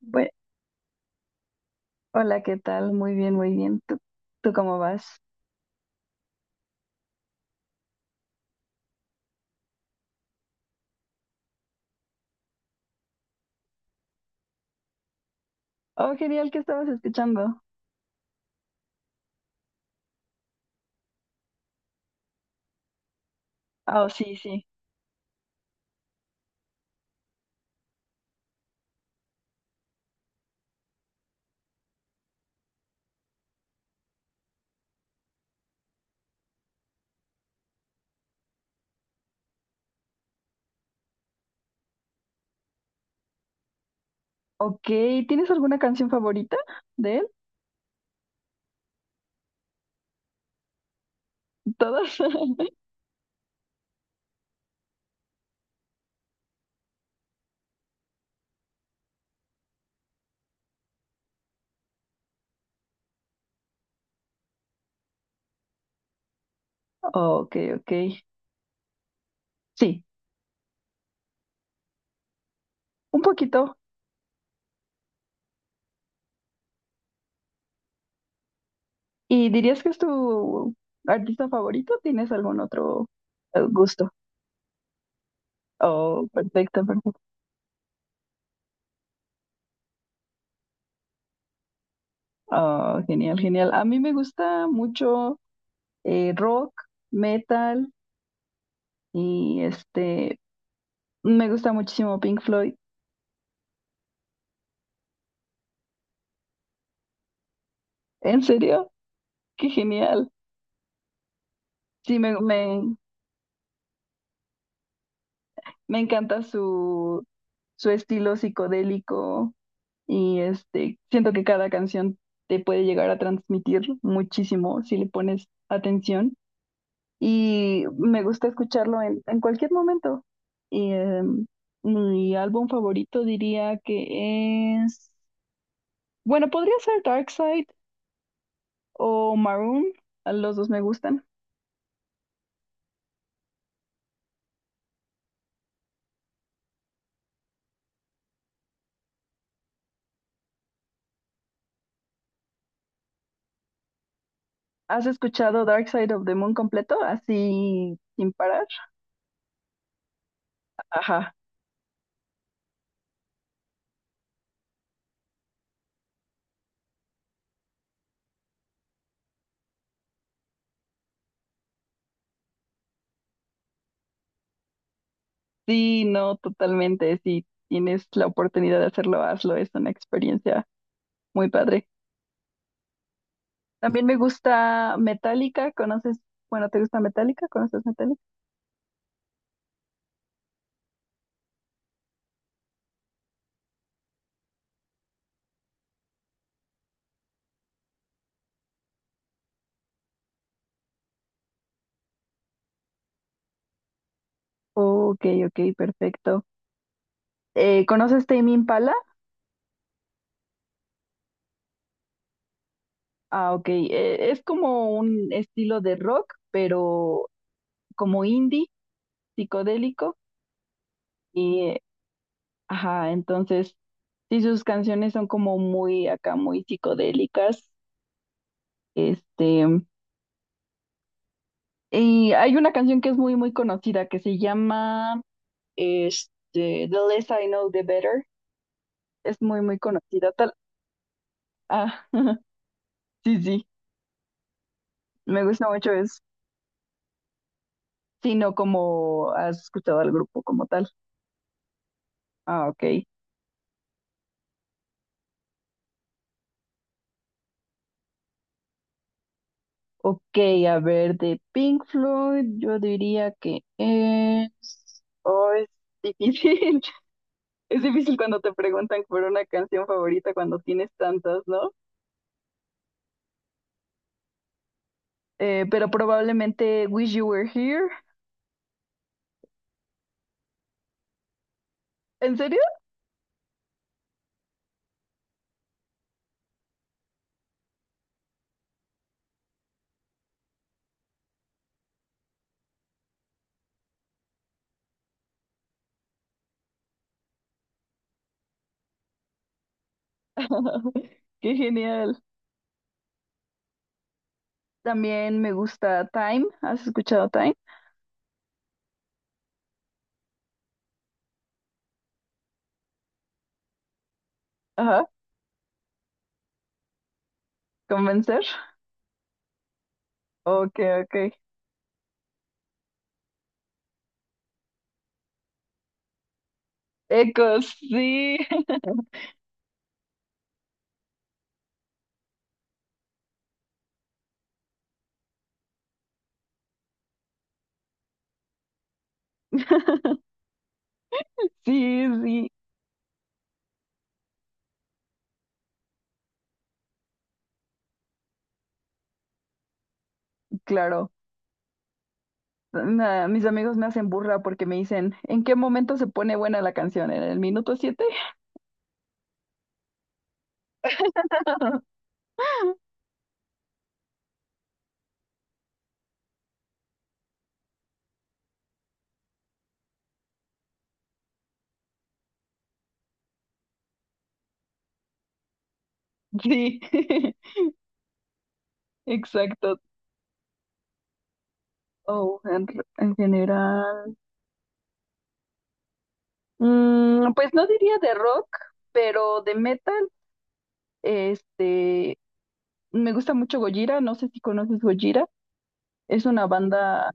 Bue- Hola, ¿qué tal? Muy bien, muy bien. ¿Tú cómo vas? Oh, genial, ¿qué estabas escuchando? Ah, oh, sí, sí. Ok, ¿tienes alguna canción favorita de él? ¿Todas? Oh, ok, ok. Sí, un poquito. ¿Y dirías que es tu artista favorito? ¿Tienes algún otro gusto? Oh, perfecto, perfecto. Oh, genial, genial. A mí me gusta mucho rock, metal y me gusta muchísimo Pink Floyd. ¿En serio? Qué genial. Sí, me encanta su estilo psicodélico y siento que cada canción te puede llegar a transmitir muchísimo si le pones atención y me gusta escucharlo en cualquier momento. Y, mi álbum favorito diría que es, bueno, podría ser Dark Side o Maroon, a los dos me gustan. ¿Has escuchado Dark Side of the Moon completo, así sin parar? Ajá. Sí, no, totalmente. Si tienes la oportunidad de hacerlo, hazlo. Es una experiencia muy padre. También me gusta Metallica. ¿Conoces? Bueno, ¿te gusta Metallica? ¿Conoces Metallica? Ok, ok, perfecto. ¿Conoces Tame Impala? Ah, ok. Es como un estilo de rock, pero como indie, psicodélico. Y, ajá, entonces, sí, sus canciones son como muy acá, muy psicodélicas. Este. Y hay una canción que es muy, muy conocida que se llama The Less I Know, The Better. Es muy, muy conocida. Tal. Ah, sí, sí, me gusta mucho eso. Sí, no como has escuchado al grupo como tal. Ah, ok. Ok, a ver, de Pink Floyd, yo diría que es. Oh, es difícil. Es difícil cuando te preguntan por una canción favorita cuando tienes tantas, ¿no? Pero probablemente Wish You Were Here. ¿En serio? Qué genial. También me gusta Time. ¿Has escuchado Time? Ajá. Convencer. Ok, ok. Ecos, sí. Sí, sí, claro. Mis amigos me hacen burla porque me dicen, ¿en qué momento se pone buena la canción? ¿En el minuto siete? Sí, exacto. Oh, en general. Pues no diría de rock, pero de metal. Este, Me gusta mucho Gojira, no sé si conoces Gojira, es una banda,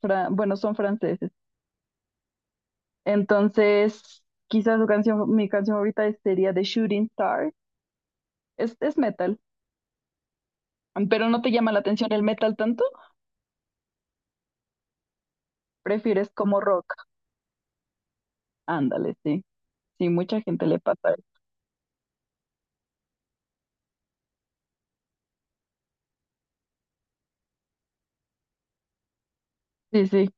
bueno, son franceses. Entonces, quizás su canción, mi canción favorita sería The Shooting Star. Es metal, pero no te llama la atención el metal tanto, prefieres como rock. Ándale, sí, sí, mucha gente le pasa. Eso. Sí, sí,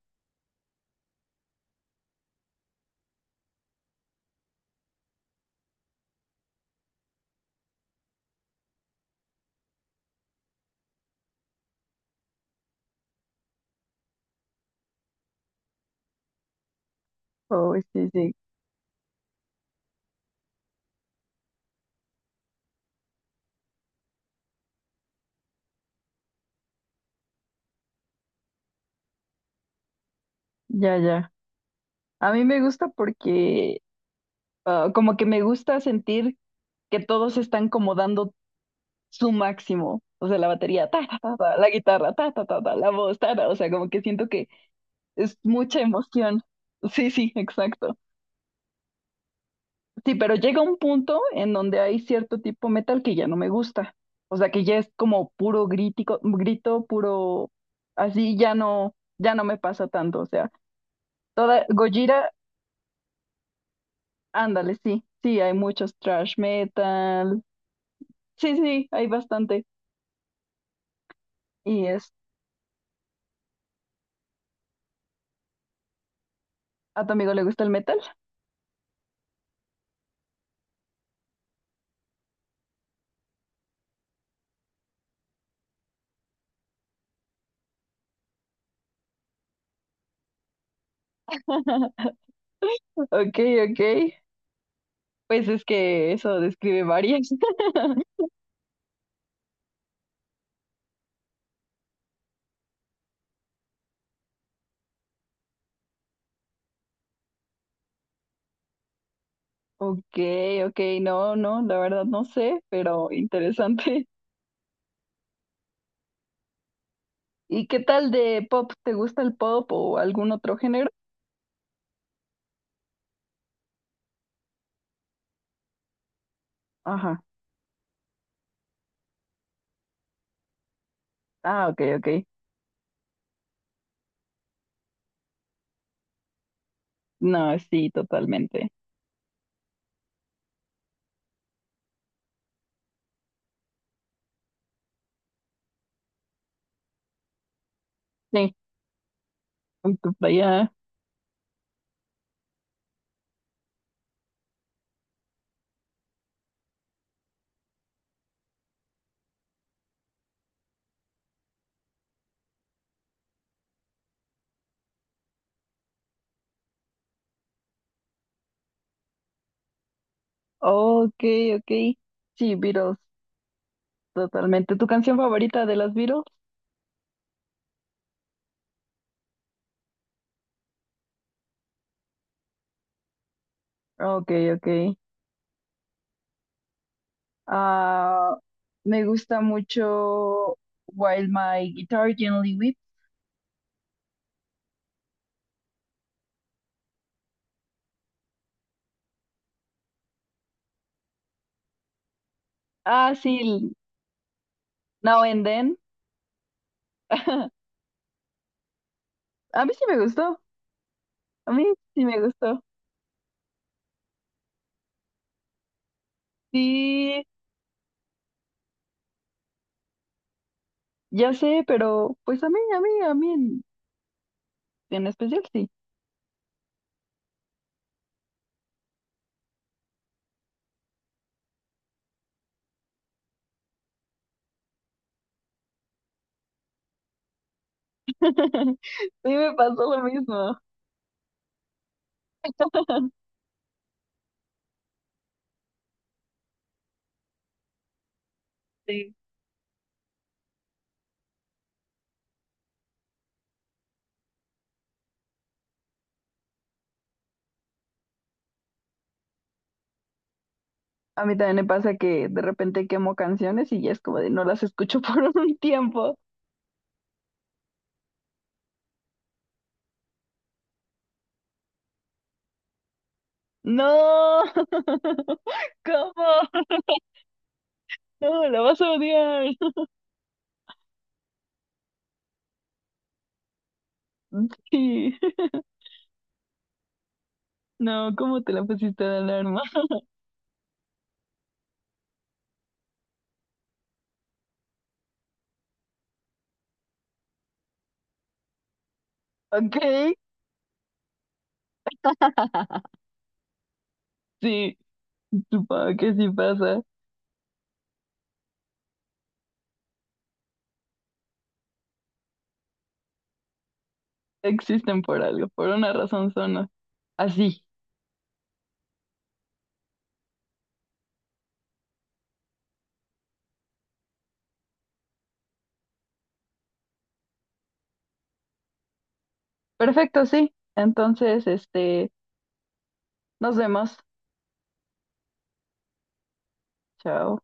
oh, sí, sí, ya, ya. A mí me gusta porque ah, como que me gusta sentir que todos están como dando su máximo, o sea, la batería, ta, ta, ta, ta, la guitarra, ta, ta, ta, ta, la voz, ta, ta, o sea, como que siento que es mucha emoción. Sí, sí, exacto. Sí, pero llega un punto en donde hay cierto tipo metal que ya no me gusta, o sea, que ya es como puro grítico, grito, puro, así ya no, ya no me pasa tanto, o sea, toda Gojira, ándale, sí, sí, hay muchos trash metal, sí, sí, hay bastante. Y es, ¿a tu amigo le gusta el metal? Ok, ok. Pues es que eso describe varias. Ok, ok, no, no, la verdad no sé, pero interesante. ¿Y qué tal de pop? ¿Te gusta el pop o algún otro género? Ajá. Ah, ok, ok. No, sí, totalmente. Sí, voy para allá. Ok, ok. Sí, Beatles, totalmente. ¿Tu canción favorita de las Beatles? Ok, ok. Ah, me gusta mucho While My Guitar Gently Weeps. Ah, sí, el Now and Then. A mí sí me gustó, a mí sí me gustó. Sí, ya sé, pero pues a mí, a mí, a mí en especial sí. Sí me pasó lo mismo. Sí. A mí también me pasa que de repente quemo canciones y ya es como de no las escucho por un tiempo. No, ¿cómo? No, la vas a odiar. Sí, no, ¿cómo te la pusiste de alarma? Ok, sí, supongo que sí pasa. Existen por algo, por una razón son así. Perfecto, sí. Entonces, nos vemos. Chao.